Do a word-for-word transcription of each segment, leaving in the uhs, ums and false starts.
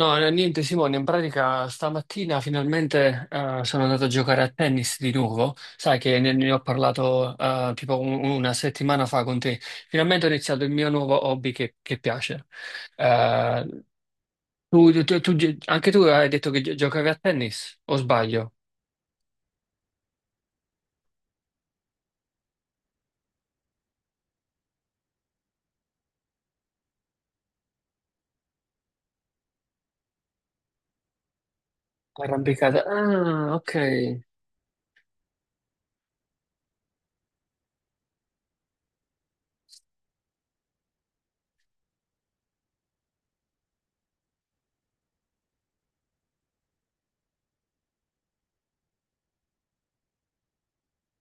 No, eh, niente Simone, in pratica stamattina finalmente eh, sono andato a giocare a tennis di nuovo, sai che ne, ne ho parlato eh, tipo un- una settimana fa con te, finalmente ho iniziato il mio nuovo hobby che, che piace. Eh, tu, tu- tu- tu- Anche tu hai detto che gio- giocavi a tennis, o sbaglio? Arrampicata. Ah, ok.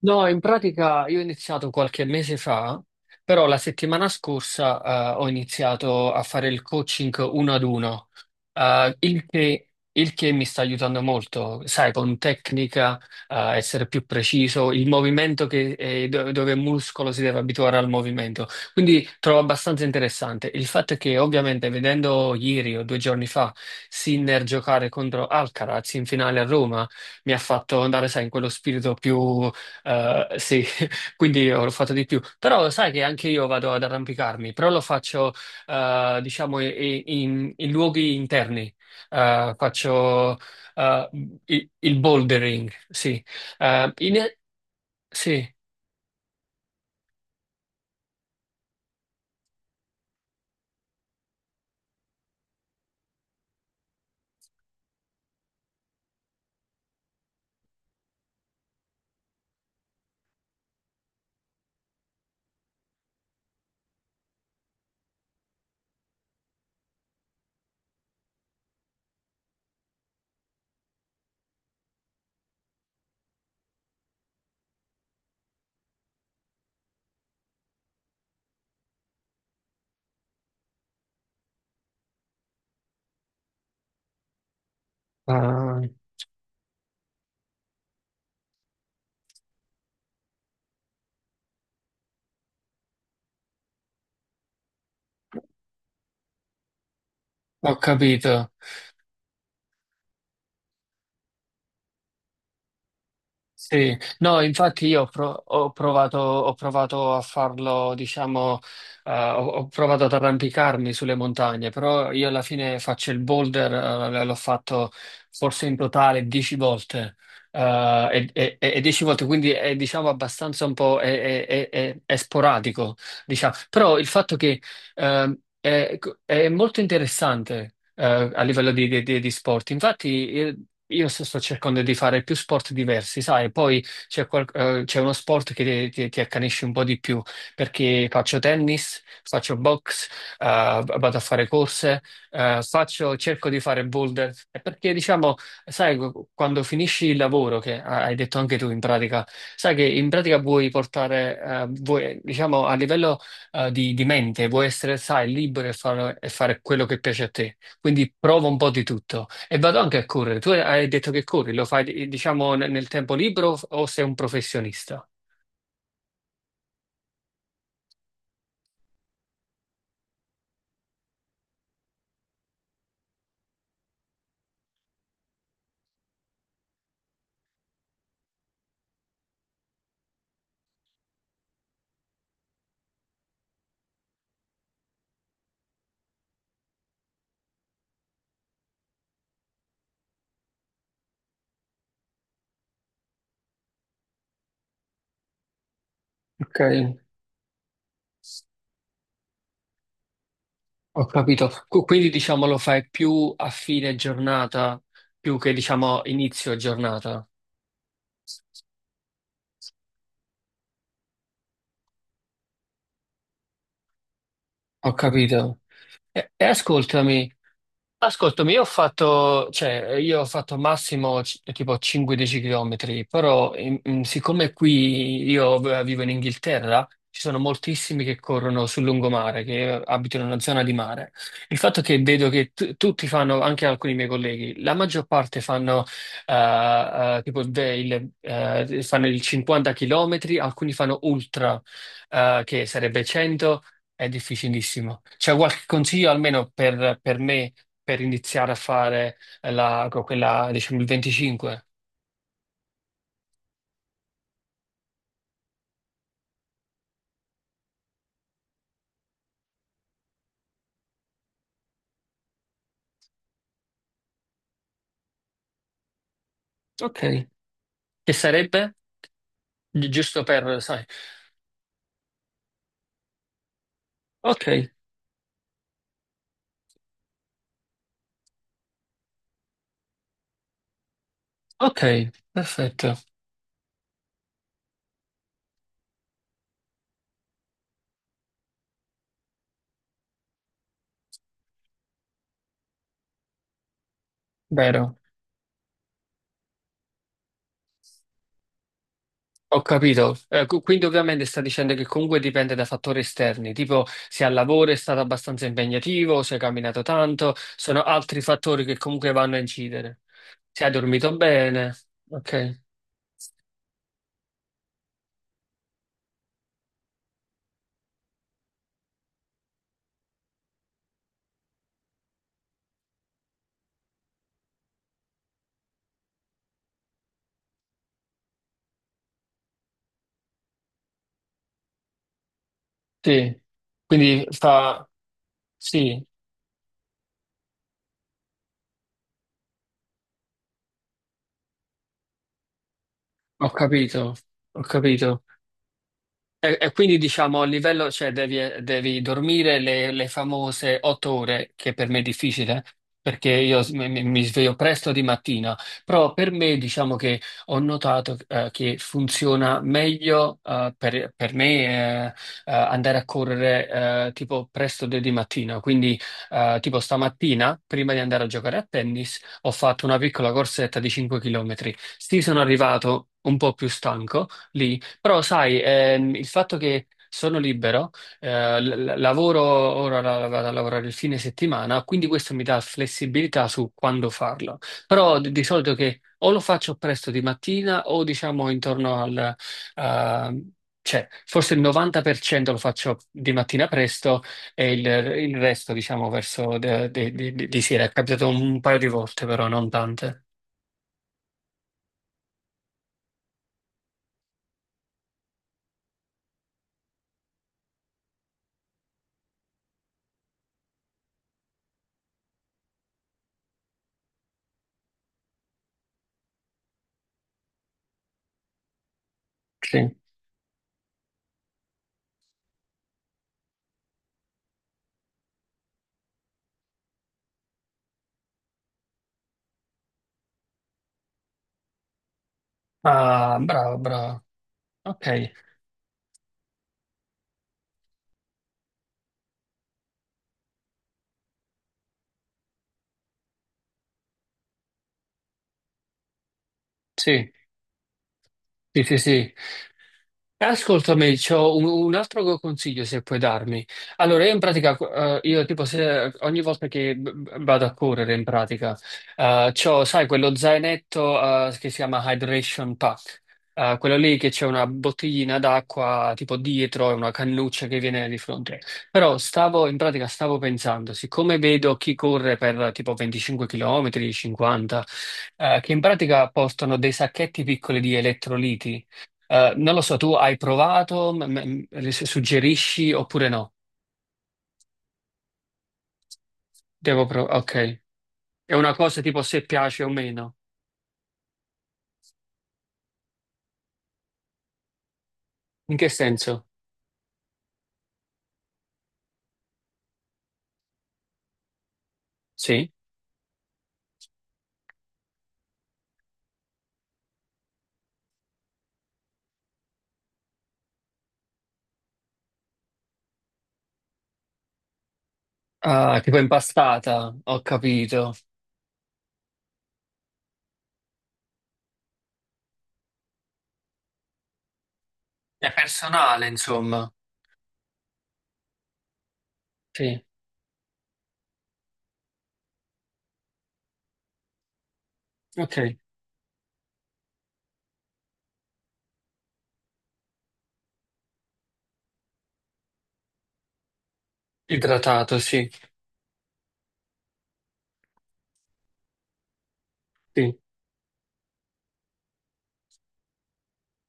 No, in pratica io ho iniziato qualche mese fa, però la settimana scorsa eh, ho iniziato a fare il coaching uno ad uno, eh, il che, il che mi sta aiutando molto, sai, con tecnica, eh, essere più preciso, il movimento che, eh, do- dove il muscolo si deve abituare al movimento. Quindi trovo abbastanza interessante. Il fatto è che ovviamente vedendo ieri o due giorni fa Sinner giocare contro Alcaraz in finale a Roma, mi ha fatto andare, sai, in quello spirito più eh, sì, quindi ho fatto di più. Però sai che anche io vado ad arrampicarmi, però lo faccio, eh, diciamo, i- i- in, in luoghi interni. Eh, faccio, eh, i- il bouldering, sì. Eh, in- sì. Ah, ho capito. Sì, no, infatti io ho, pro- ho provato, ho provato a farlo, diciamo, eh, ho, ho provato ad arrampicarmi sulle montagne, però io alla fine faccio il boulder, eh, l'ho fatto forse in totale dieci volte, eh, e, e- e dieci volte, quindi è diciamo abbastanza un po' è, è- è- è- è sporadico, diciamo. Però il fatto che Ehm, è, è molto interessante, eh, a livello di, di- di- di sport. Infatti, eh, io sto, sto cercando di fare più sport diversi, sai? Poi c'è qual- eh, c'è uno sport che ti, ti accanisce un po' di più, perché faccio tennis, faccio box, eh, vado a fare corse, eh, faccio- cerco di fare boulder. È perché, diciamo, sai, quando finisci il lavoro, che hai detto anche tu in pratica, sai che in pratica vuoi portare, eh, vuoi, diciamo, a livello eh, di, di mente, vuoi essere, sai, libero e fare, e fare, quello che piace a te. Quindi prova un po' di tutto. E vado anche a correre. Tu hai detto che corri, lo fai, diciamo, nel nel tempo libero o sei un professionista? Ok. Ho capito. Qu- Quindi diciamo lo fai più a fine giornata, più che diciamo inizio giornata. Ho capito. E, e ascoltami, Ascoltami, io ho fatto, cioè, io ho fatto massimo c- tipo cinque dieci chilometri km, però in- in- siccome qui io v- vivo in Inghilterra, ci sono moltissimi che corrono sul lungomare, che abitano in una zona di mare. Il fatto che vedo che tu- tutti fanno, anche alcuni miei colleghi, la maggior parte fanno, eh, eh, tipo de- il, eh, fanno il cinquanta chilometri, alcuni fanno ultra, eh, che sarebbe cento, è difficilissimo. C'è qualche consiglio almeno per per me? Per iniziare a fare eh, la, co- quella, diciamo, il venticinque. Ok, che sarebbe Gi- giusto per, sai. Ok, ok, perfetto, vero. Ho capito. Eh, cu- quindi ovviamente sta dicendo che comunque dipende da fattori esterni, tipo se al lavoro è stato abbastanza impegnativo, se hai camminato tanto, sono altri fattori che comunque vanno a incidere. Se hai dormito bene, ok, sì. Quindi fa, sì, ho capito, ho capito. E, e quindi diciamo a livello, cioè devi, eh, devi dormire le, le famose otto ore, che per me è difficile, perché io s- mi, mi- mi sveglio presto di mattina, però per me diciamo che ho notato eh, che funziona meglio eh, per, per me eh, eh, andare a correre eh, tipo presto de- di mattina, quindi eh, tipo stamattina, prima di andare a giocare a tennis, ho fatto una piccola corsetta di cinque chilometri. Sì, sono arrivato un po' più stanco lì, però sai, ehm, il fatto che sono libero, eh, l- l- lavoro ora la- vado a lavorare il fine settimana, quindi questo mi dà flessibilità su quando farlo. Però di, di solito che o lo faccio presto di mattina o diciamo intorno al. ehm, cioè, forse il novanta per cento lo faccio di mattina presto e il, il resto, diciamo, verso de- de- de- de- di sera. È capitato un paio di volte, però non tante. Sì. Ah, bravo, bravo. Ok, sì, sì, sì, sì. Ascoltami, c'ho un, un altro consiglio se puoi darmi. Allora, io in pratica, eh, io tipo se ogni volta che v- vado a correre in pratica, eh, c'ho, sai, quello zainetto, eh, che si chiama Hydration Pack. Eh, quello lì che c'è una bottiglina d'acqua tipo dietro e una cannuccia che viene di fronte. Però stavo, in pratica stavo pensando, siccome vedo chi corre per tipo venticinque chilometri, cinquanta, eh, che in pratica portano dei sacchetti piccoli di elettroliti, eh, non lo so, tu hai provato, m- m- m- se suggerisci oppure no? Devo provare, ok. È una cosa tipo se piace o meno. In che senso? Sì. Ah, tipo impastata, ho capito. È personale, insomma. Sì, ok. Idratato, sì. Sì.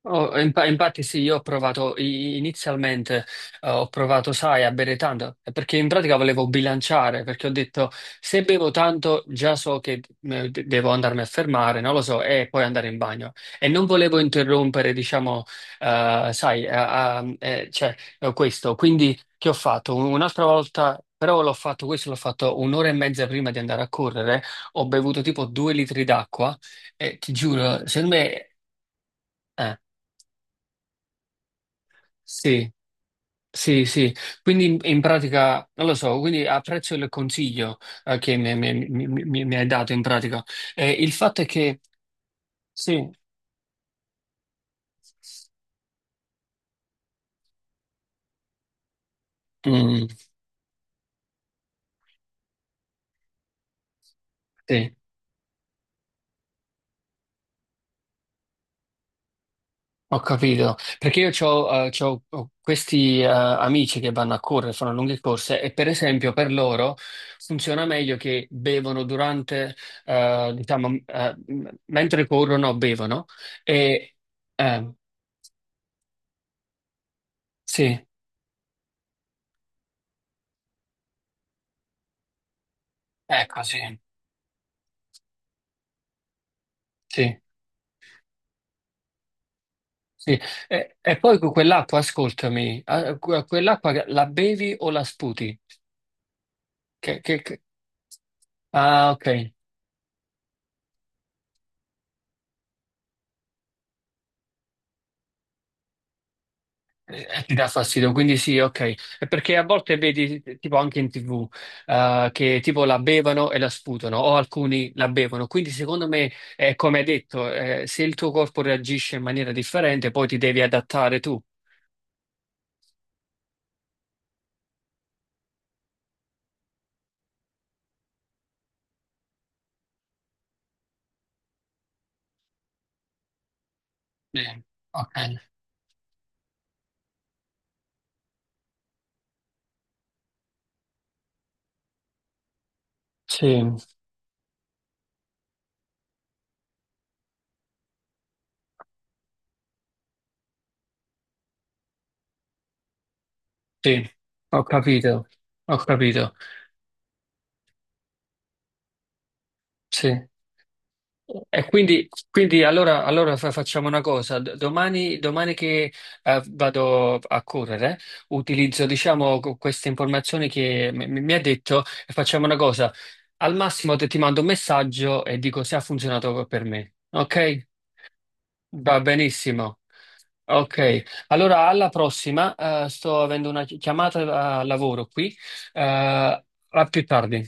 Oh, in- infatti sì, io ho provato i- inizialmente, eh, ho provato, sai, a bere tanto, eh, perché in pratica volevo bilanciare, perché ho detto se bevo tanto già so che eh, de- devo andarmi a fermare, non lo so, e poi andare in bagno. E non volevo interrompere, diciamo, eh, sai, a- a- eh, cioè, eh, questo. Quindi che ho fatto? Un- Un'altra volta, però l'ho fatto, questo l'ho fatto un'ora e mezza prima di andare a correre, ho bevuto tipo due litri d'acqua e ti giuro, secondo me. eh, sì, sì, sì, quindi in, in pratica, non lo so, quindi apprezzo il consiglio eh, che mi, mi- mi- mi- mi hai dato in pratica. Eh, il fatto è che, sì, mm, sì, ho capito, perché io c'ho, eh, c'ho- ho questi eh, amici che vanno a correre, fanno lunghe corse e per esempio per loro funziona meglio che bevono durante, eh, diciamo, eh, m- mentre corrono, bevono e. eh, sì, ecco, sì, sì. Sì, e, e poi con quell'acqua, ascoltami, a- que- quell'acqua la bevi o la sputi? Che- che- che- Ah, ok. Eh, ti dà fastidio, quindi sì, ok. È perché a volte vedi, tipo anche in T V, eh, che tipo la bevono e la sputano, o alcuni la bevono. Quindi secondo me, eh, come hai detto, eh, se il tuo corpo reagisce in maniera differente, poi ti devi adattare tu. Sì, ok. Sì, sì, ho capito, ho capito, sì. E quindi, quindi, allora, allora fa- facciamo una cosa. D- Domani, domani che eh, vado a correre, utilizzo, diciamo, co- queste informazioni che mi, mi- mi ha detto e facciamo una cosa. Al massimo te- ti mando un messaggio e dico se ha funzionato per me. Ok? Va benissimo. Ok, allora alla prossima. eh, sto avendo una chi- chiamata a lavoro qui. eh, a più tardi.